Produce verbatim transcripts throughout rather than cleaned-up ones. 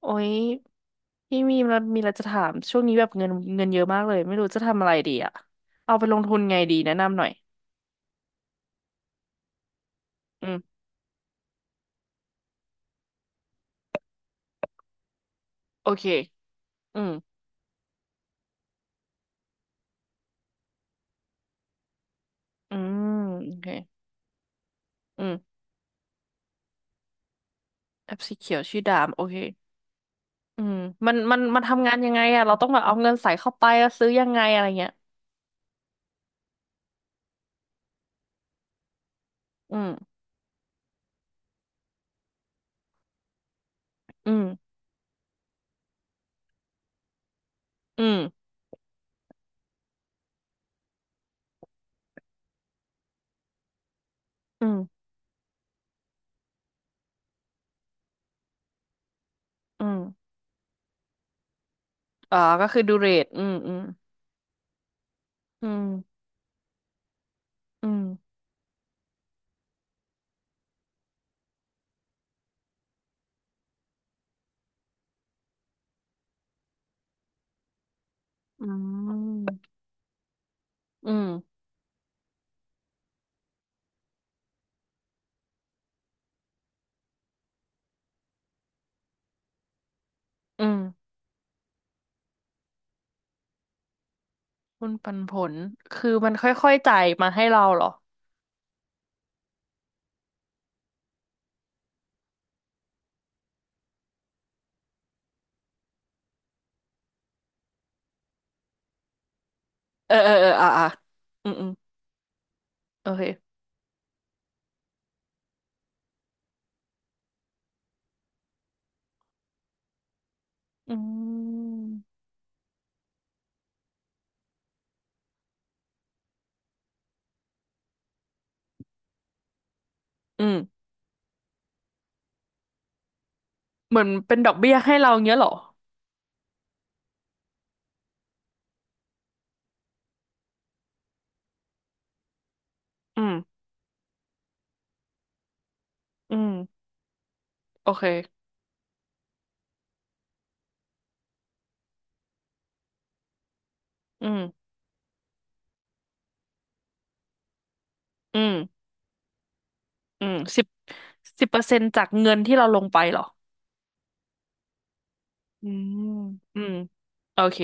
โอ้ยพี่มีมมีอะไรจะถามช่วงนี้แบบเงินเงินเยอะมากเลยไม่รู้จะทำอะไรดีอะเอาไปลงทุนไงดีแนะนำหน่อยอืมโอเคอืมอืมโอเคอืมแอปสีเขียวชื่อดามโอเคอืมมันมันมันทำงานยังไงอะเราต้องแบบเอาเงินใส่เข้าไปแล้วซื้อยังไงอะไรเงี้ยอืมอืมอืมอืมอืมอ่าก็คือดูเรทอืมอืมอืมอืมอืมอืมอืมหุ้นปันผลคือมันค่อยๆจ่ายมาให้เราเหรอ เออเออเอออ่ะอ่ะอืมอืมโอเคอืมอืมเหมือนเป็นดอกเบี้ยให้เราเงี้ยเหรออืมอืมโอเคอืมอืมอืมสิบสิบเปอร์เซ็นต์จากเงินที่เราลงไปเหรออืมอืมโอเค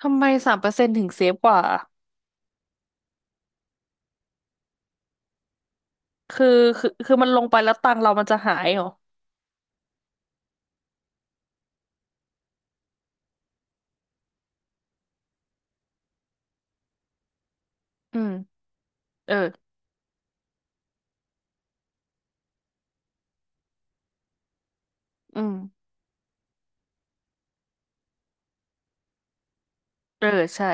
ทำไมสามเปอร์เซ็นต์ถึงเซฟกว่าคือคือคือมันลงไปแล้วตังค์เรามันจะหายเหรออืมเอออืมเออใช่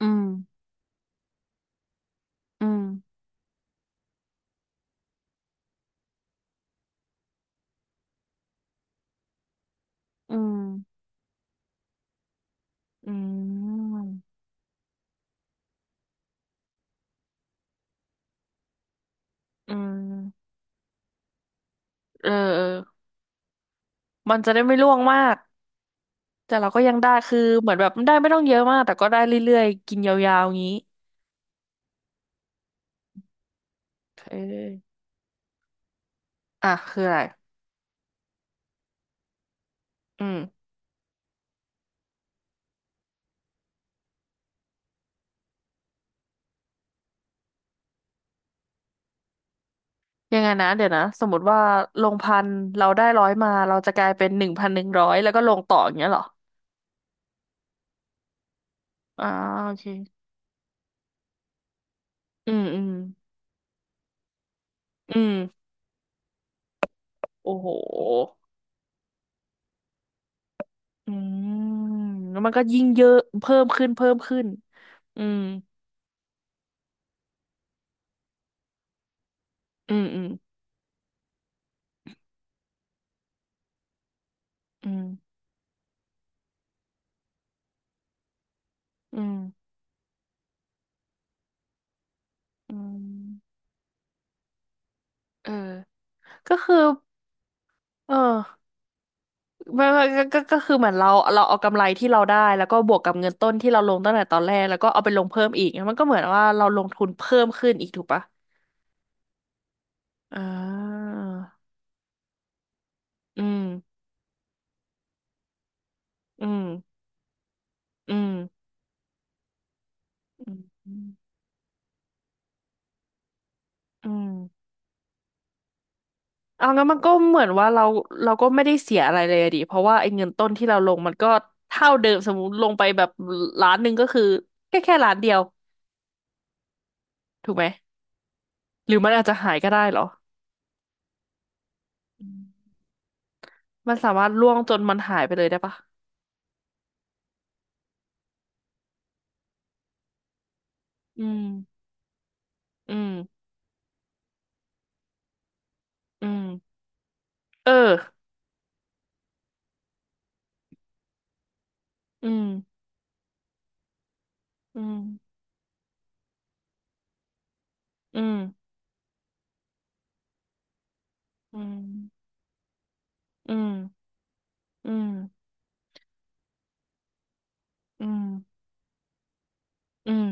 อืมอืมอืมอืมอืมเออเออ มันจะได้ไม่ร่วงมากแต่เราก็ยังได้คือเหมือนแบบได้ไม่ต้องเยอะมากแต่ก็ได้เรื่อยๆกินยาวๆงี้เอออ่ะคืออะไรอืมยังไงนะเดี๋ยวนะสมมติว่าลงพันเราได้ร้อยมาเราจะกลายเป็นหนึ่งพันหนึ่งร้อยแล้วก็ลงต่ออย่างเงี้ยเหรออ่าโอเคอืมอืมอืมโอ้โหอืมแล้วมันก็ยิ่งเยอะเพิ่มขึ้นเพิ่มขึ้นอืมอืมอืมอืมอืมอืมเออก็คือเออ ไม่ไม่ก็ก็ก็คือเหมือนเราเราเอากำไรที่เราได้แล้วก็บวกกับเงินต้นที่เราลงตั้งแต่ตอนแรกแล้วก็เอาไปลงเพิ่มอีกมันก็เหมือนว่าเราลงทุนเพิ่มขึ้นอีกถูกปะอ่าอืมอืมอืมอืมอืมเอางั้นมันก็เหมือนว่าเราเราก็ไม่ได้เสียอะไรเลยอะดิเพราะว่าไอ้เงินต้นที่เราลงมันก็เท่าเดิมสมมติลงไปแบบล้านหนึ่งก็คือแค่แค่ล้านเดียวถูกไหมหรือมันอาจจะหายก็ได้เหรออืมมันสามารถล่วงจนมันหายไปเลยได้ปะอืมอืม อืมเอออืมอืมอืมอืมอืมอืมอืมอืม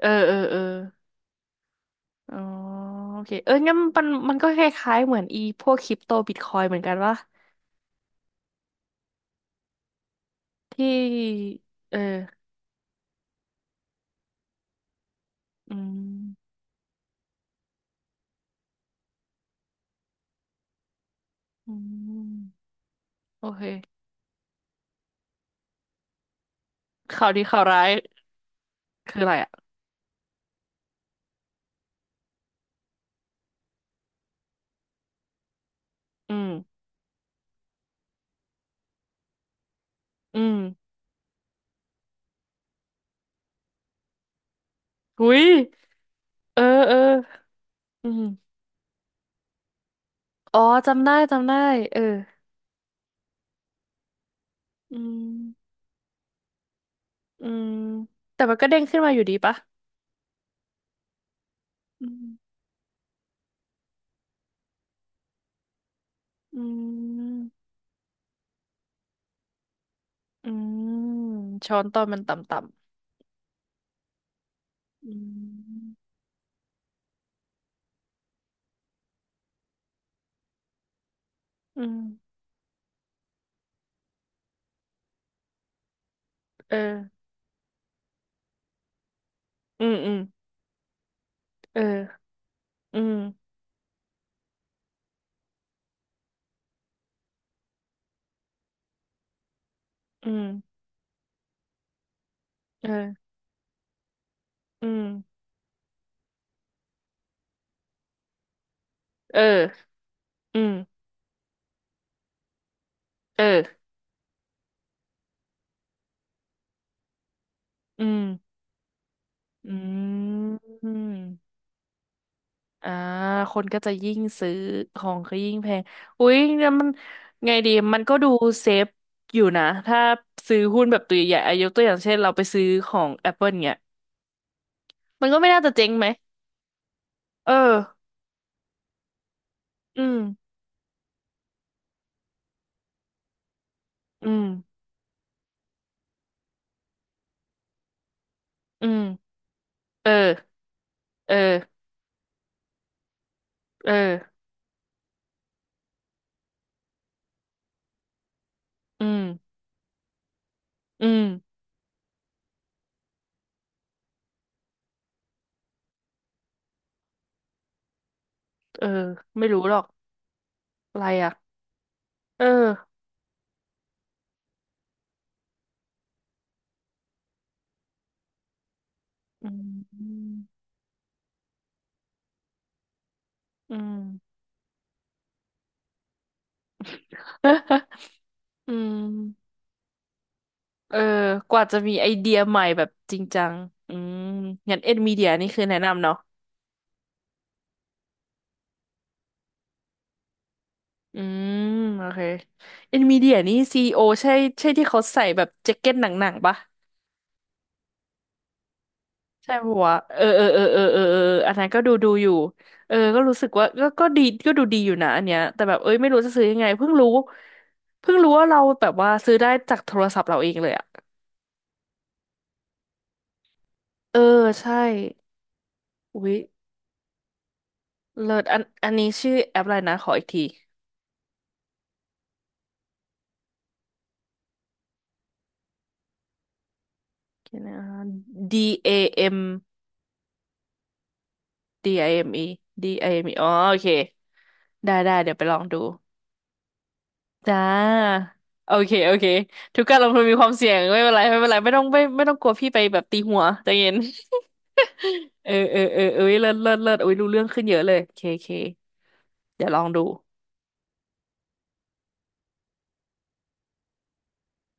เออเออเอออ๋อโอเคเอองั้นมันมันก็คล้ายๆเหมือนอีพวกคริปโตบิตคอยเหมือนกันวะที่เอออืมอืมโอเคข่าวดีข่าวร้ายคืออะไรอ่ะอืมอืมหุยเออเอออืมอ๋อจำได้จำได้เอออืมอืมแต่มันก็เด้งขึ้นมาอยู่ดีปะอืม อืมอืมช้อนตอนมันต่ำๆอืมอืมเอออืมอืมเอออืมอืมเอออืมเอออืมเอออืมอืมอ่าคนก็จะยิ่งซื้อของก็ยิ่งแพงอุ๊ยเนี่ยมันไงดีมันก็ดูเซฟอยู่นะถ้าซื้อหุ้นแบบตัวใหญ่ๆอายกตัวอย่างเช่นเราไปซื้อของ แอปเปิล เงี้ยมันก็ไม่น่าจะเจ๊งไหมเอออืมอืมอืม เออเออเอออืมอืมเออไม่รู้หรอกอะไรอ่ะเอออืมอืม อืมเออกว่าจะมีไอเดียใหม่แบบจริงจังอืมงั้นเอ็นมีเดียนี่คือแนะนำเนาะอืมโอเคเอ็นมีเดียนี่ซีอีโอใช่ใช่ที่เขาใส่แบบแจ็คเก็ตหนังๆปะ ใช่หัวะเออเออเออเออเออเอออันนั้นก็ดูดูอยู่เออก็รู้สึกว่าก็ก็ดีก็ดูดีอยู่นะอันเนี้ยแต่แบบเอ้ยไม่รู้จะซื้อยังไงเพิ่งรู้เพิ่งรู้ว่าเราแบบว่าซื้อได้จากโทรศัพท์เราเองเลยอะเออใช่อุ๊ยเลิศอันอันนี้ชื่อแอปอะไรนะขออีกทีเดี๋ยวนะ ดี เอ เอ็ม ดี ไอ เอ็ม อี ดี ไอ เอ็ม อี อ๋อโอเคได้ได้เดี๋ยวไปลองดูจ้าโอเคโอเคทุกการลงทุนมีความเสี่ยงไม่เป็นไรไม่เป็นไรไม่ต้องไม่ไม่ต้องกลัวพี่ไปแบบตีหัวใจเย็น เออเออเออเอ้ยเลิศเลิศเลิศอุ้ยรู้เรื่องขึ้นเยอะเลยเคเคเดี๋ยวลองดู